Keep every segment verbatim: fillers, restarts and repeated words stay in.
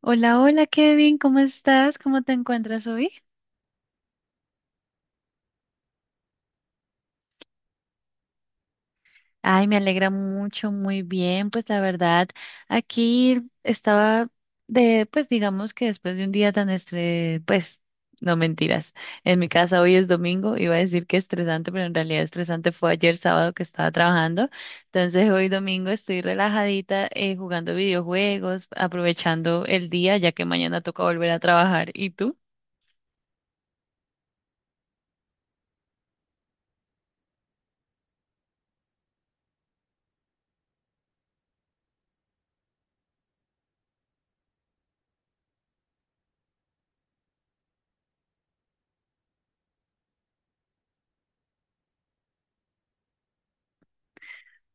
Hola, hola Kevin, ¿cómo estás? ¿Cómo te encuentras hoy? Ay, me alegra mucho, muy bien. Pues la verdad, aquí estaba de, pues digamos que después de un día tan estres, pues no mentiras. En mi casa hoy es domingo, iba a decir que estresante, pero en realidad estresante fue ayer sábado que estaba trabajando. Entonces hoy domingo estoy relajadita eh, jugando videojuegos, aprovechando el día, ya que mañana toca volver a trabajar. ¿Y tú?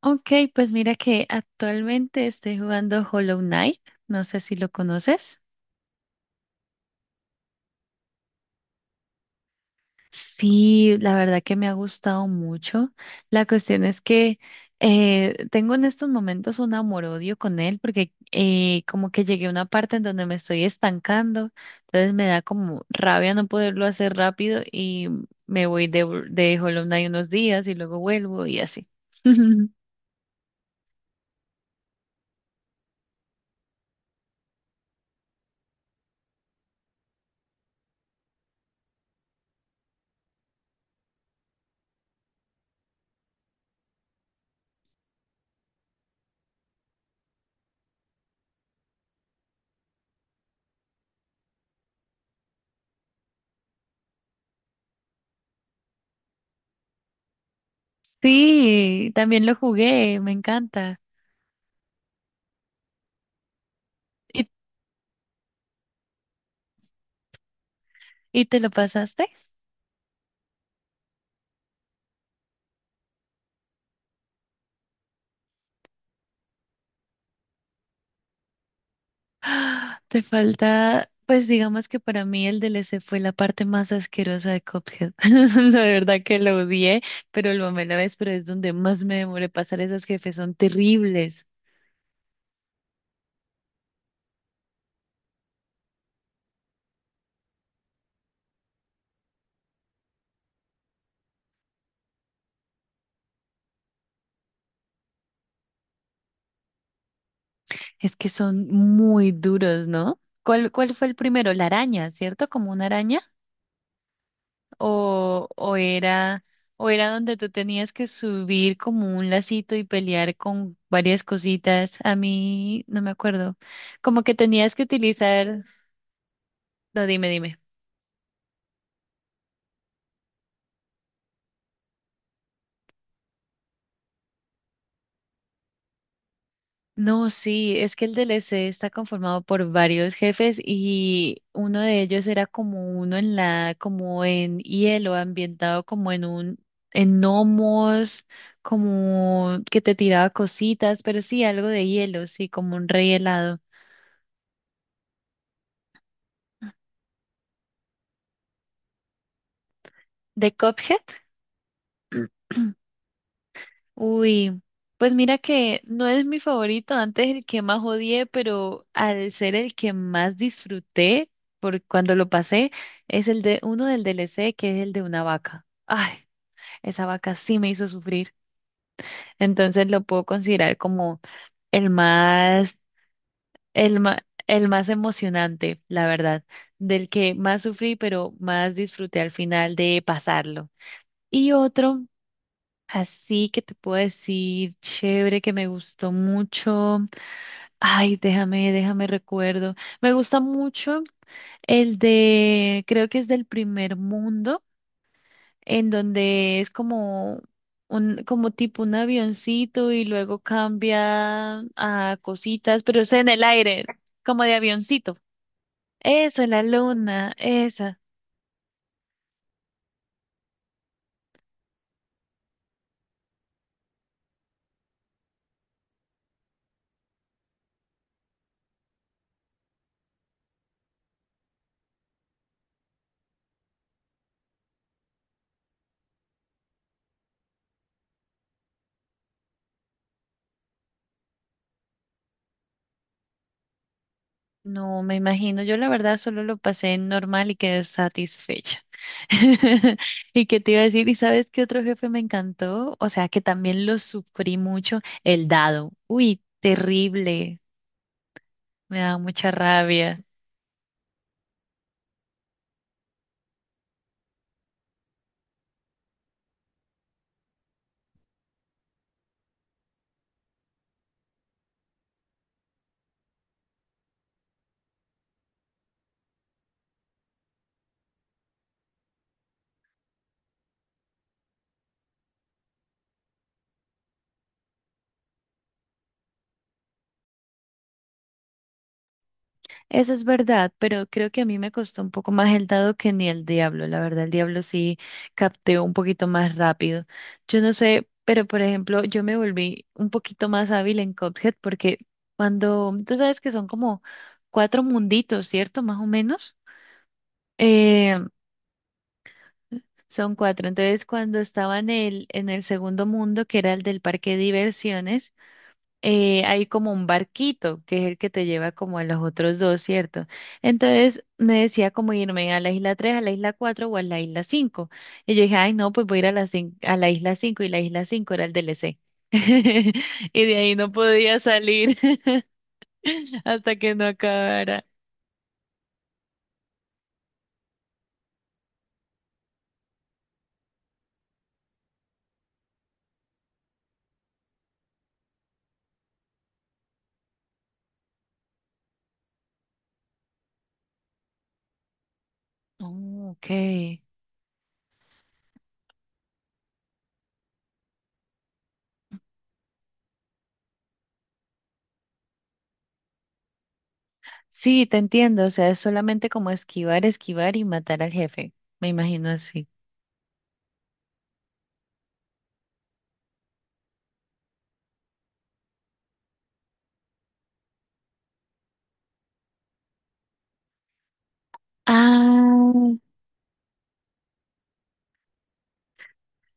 Ok, pues mira que actualmente estoy jugando Hollow Knight, no sé si lo conoces. Sí, la verdad que me ha gustado mucho. La cuestión es que eh, tengo en estos momentos un amor-odio con él porque eh, como que llegué a una parte en donde me estoy estancando, entonces me da como rabia no poderlo hacer rápido y me voy de, de Hollow Knight unos días y luego vuelvo y así. Sí, también lo jugué, me encanta. ¿Y, y te lo pasaste? Ah, te falta, pues digamos que para mí el D L C fue la parte más asquerosa de Cuphead. La verdad que lo odié, pero lo amé a la vez, pero es donde más me demoré pasar esos jefes, son terribles. Es que son muy duros, ¿no? ¿Cuál, cuál fue el primero? La araña, ¿cierto? ¿Como una araña? ¿O, o era, o era donde tú tenías que subir como un lacito y pelear con varias cositas? A mí no me acuerdo. Como que tenías que utilizar... No, dime, dime. No, sí, es que el D L C está conformado por varios jefes y uno de ellos era como uno en la, como en hielo, ambientado como en un, en gnomos, como que te tiraba cositas, pero sí, algo de hielo, sí, como un rey helado. ¿De Cuphead? Uy, pues mira que no es mi favorito, antes el que más odié, pero al ser el que más disfruté por cuando lo pasé, es el de uno del D L C que es el de una vaca. Ay, esa vaca sí me hizo sufrir. Entonces lo puedo considerar como el más, el más, el más emocionante, la verdad, del que más sufrí, pero más disfruté al final de pasarlo. Y otro así que te puedo decir, chévere, que me gustó mucho. Ay, déjame, déjame recuerdo. Me gusta mucho el de, creo que es del primer mundo, en donde es como un, como tipo un avioncito y luego cambia a cositas, pero es en el aire, como de avioncito. Eso, la luna, esa. No, me imagino, yo la verdad solo lo pasé normal y quedé satisfecha. ¿Y qué te iba a decir? ¿Y sabes qué otro jefe me encantó? O sea, que también lo sufrí mucho, el dado. Uy, terrible, me da mucha rabia. Eso es verdad, pero creo que a mí me costó un poco más el dado que ni el diablo. La verdad, el diablo sí capteó un poquito más rápido. Yo no sé, pero por ejemplo, yo me volví un poquito más hábil en Cuphead porque cuando, tú sabes que son como cuatro munditos, ¿cierto? Más o menos. Eh, son cuatro. Entonces, cuando estaba en el, en el segundo mundo, que era el del parque de diversiones, eh, hay como un barquito, que es el que te lleva como a los otros dos, ¿cierto? Entonces me decía como irme a la isla tres, a la isla cuatro o a la isla cinco. Y yo dije, ay, no, pues voy a ir a la, cin- a la isla cinco y la isla cinco era el D L C. Y de ahí no podía salir hasta que no acabara. Oh, ok. Sí, te entiendo. O sea, es solamente como esquivar, esquivar y matar al jefe. Me imagino así. Ah.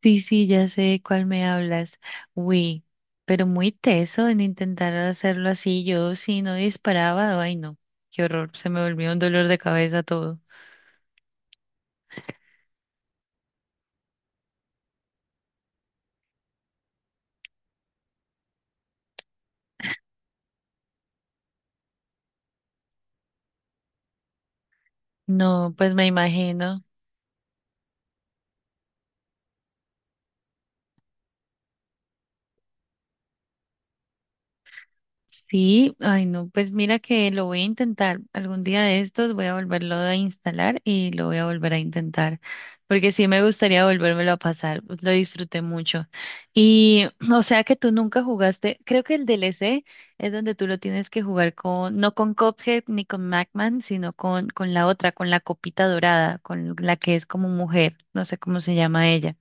Sí, sí, ya sé de cuál me hablas. Uy, pero muy teso en intentar hacerlo así. Yo si no disparaba, ay no, qué horror, se me volvió un dolor de cabeza todo. No, pues me imagino. Sí, ay no, pues mira que lo voy a intentar. Algún día de estos voy a volverlo a instalar y lo voy a volver a intentar, porque sí me gustaría volvérmelo a pasar, pues lo disfruté mucho. Y o sea que tú nunca jugaste, creo que el D L C es donde tú lo tienes que jugar con, no con Cuphead ni con Macman, sino con, con la otra, con la copita dorada, con la que es como mujer, no sé cómo se llama ella.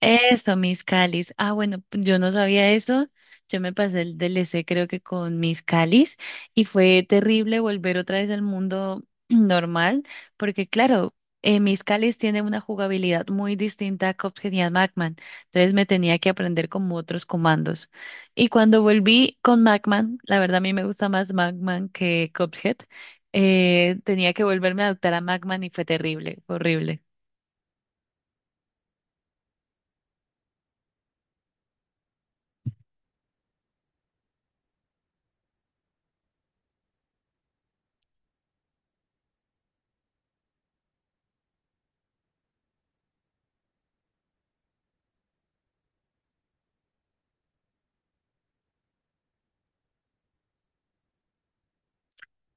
Eso, Miss Calis. Ah, bueno, p- yo no sabía eso. Yo me pasé el D L C creo que con Miss Calis y fue terrible volver otra vez al mundo normal, porque claro, eh, Miss Calis tiene una jugabilidad muy distinta a Cuphead y a Pac-Man, entonces me tenía que aprender como otros comandos. Y cuando volví con Pac-Man, la verdad a mí me gusta más Pac-Man que Cuphead, eh, tenía que volverme a adaptar a Pac-Man y fue terrible, horrible.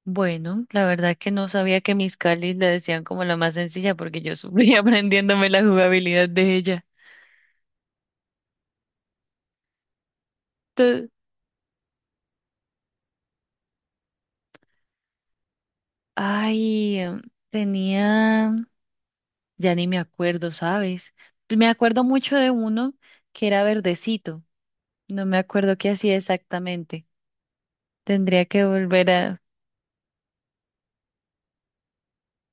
Bueno, la verdad que no sabía que mis Calis la decían como la más sencilla porque yo sufrí aprendiéndome la jugabilidad de ella. Te- Ay, em, tenía, ya ni me acuerdo, ¿sabes? Me acuerdo mucho de uno que era verdecito. No me acuerdo qué hacía exactamente. Tendría que volver a,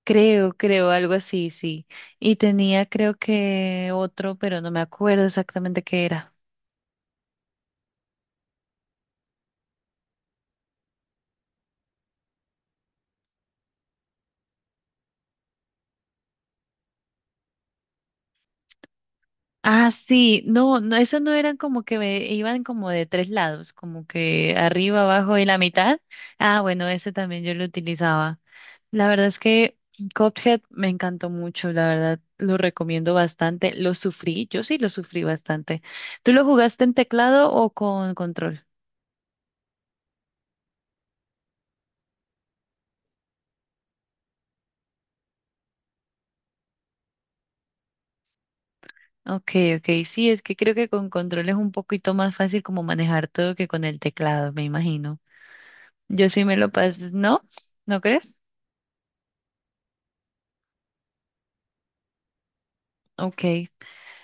creo, creo, algo así, sí. Y tenía, creo que otro, pero no me acuerdo exactamente qué era. Ah, sí, no, no, esas no eran como que ve- iban como de tres lados, como que arriba, abajo y la mitad. Ah, bueno, ese también yo lo utilizaba. La verdad es que Cuphead me encantó mucho, la verdad, lo recomiendo bastante. Lo sufrí, yo sí lo sufrí bastante. ¿Tú lo jugaste en teclado o con control? Ok, ok, sí, es que creo que con control es un poquito más fácil como manejar todo que con el teclado, me imagino. Yo sí me lo pasé, ¿no? ¿No crees? Ok.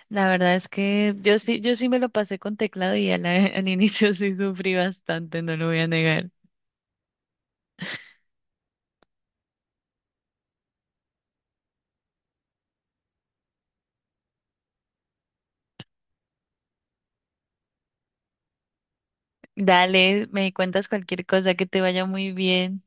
La verdad es que yo sí, yo sí me lo pasé con teclado y al, al inicio sí sufrí bastante, no lo voy a negar. Dale, me cuentas cualquier cosa, que te vaya muy bien.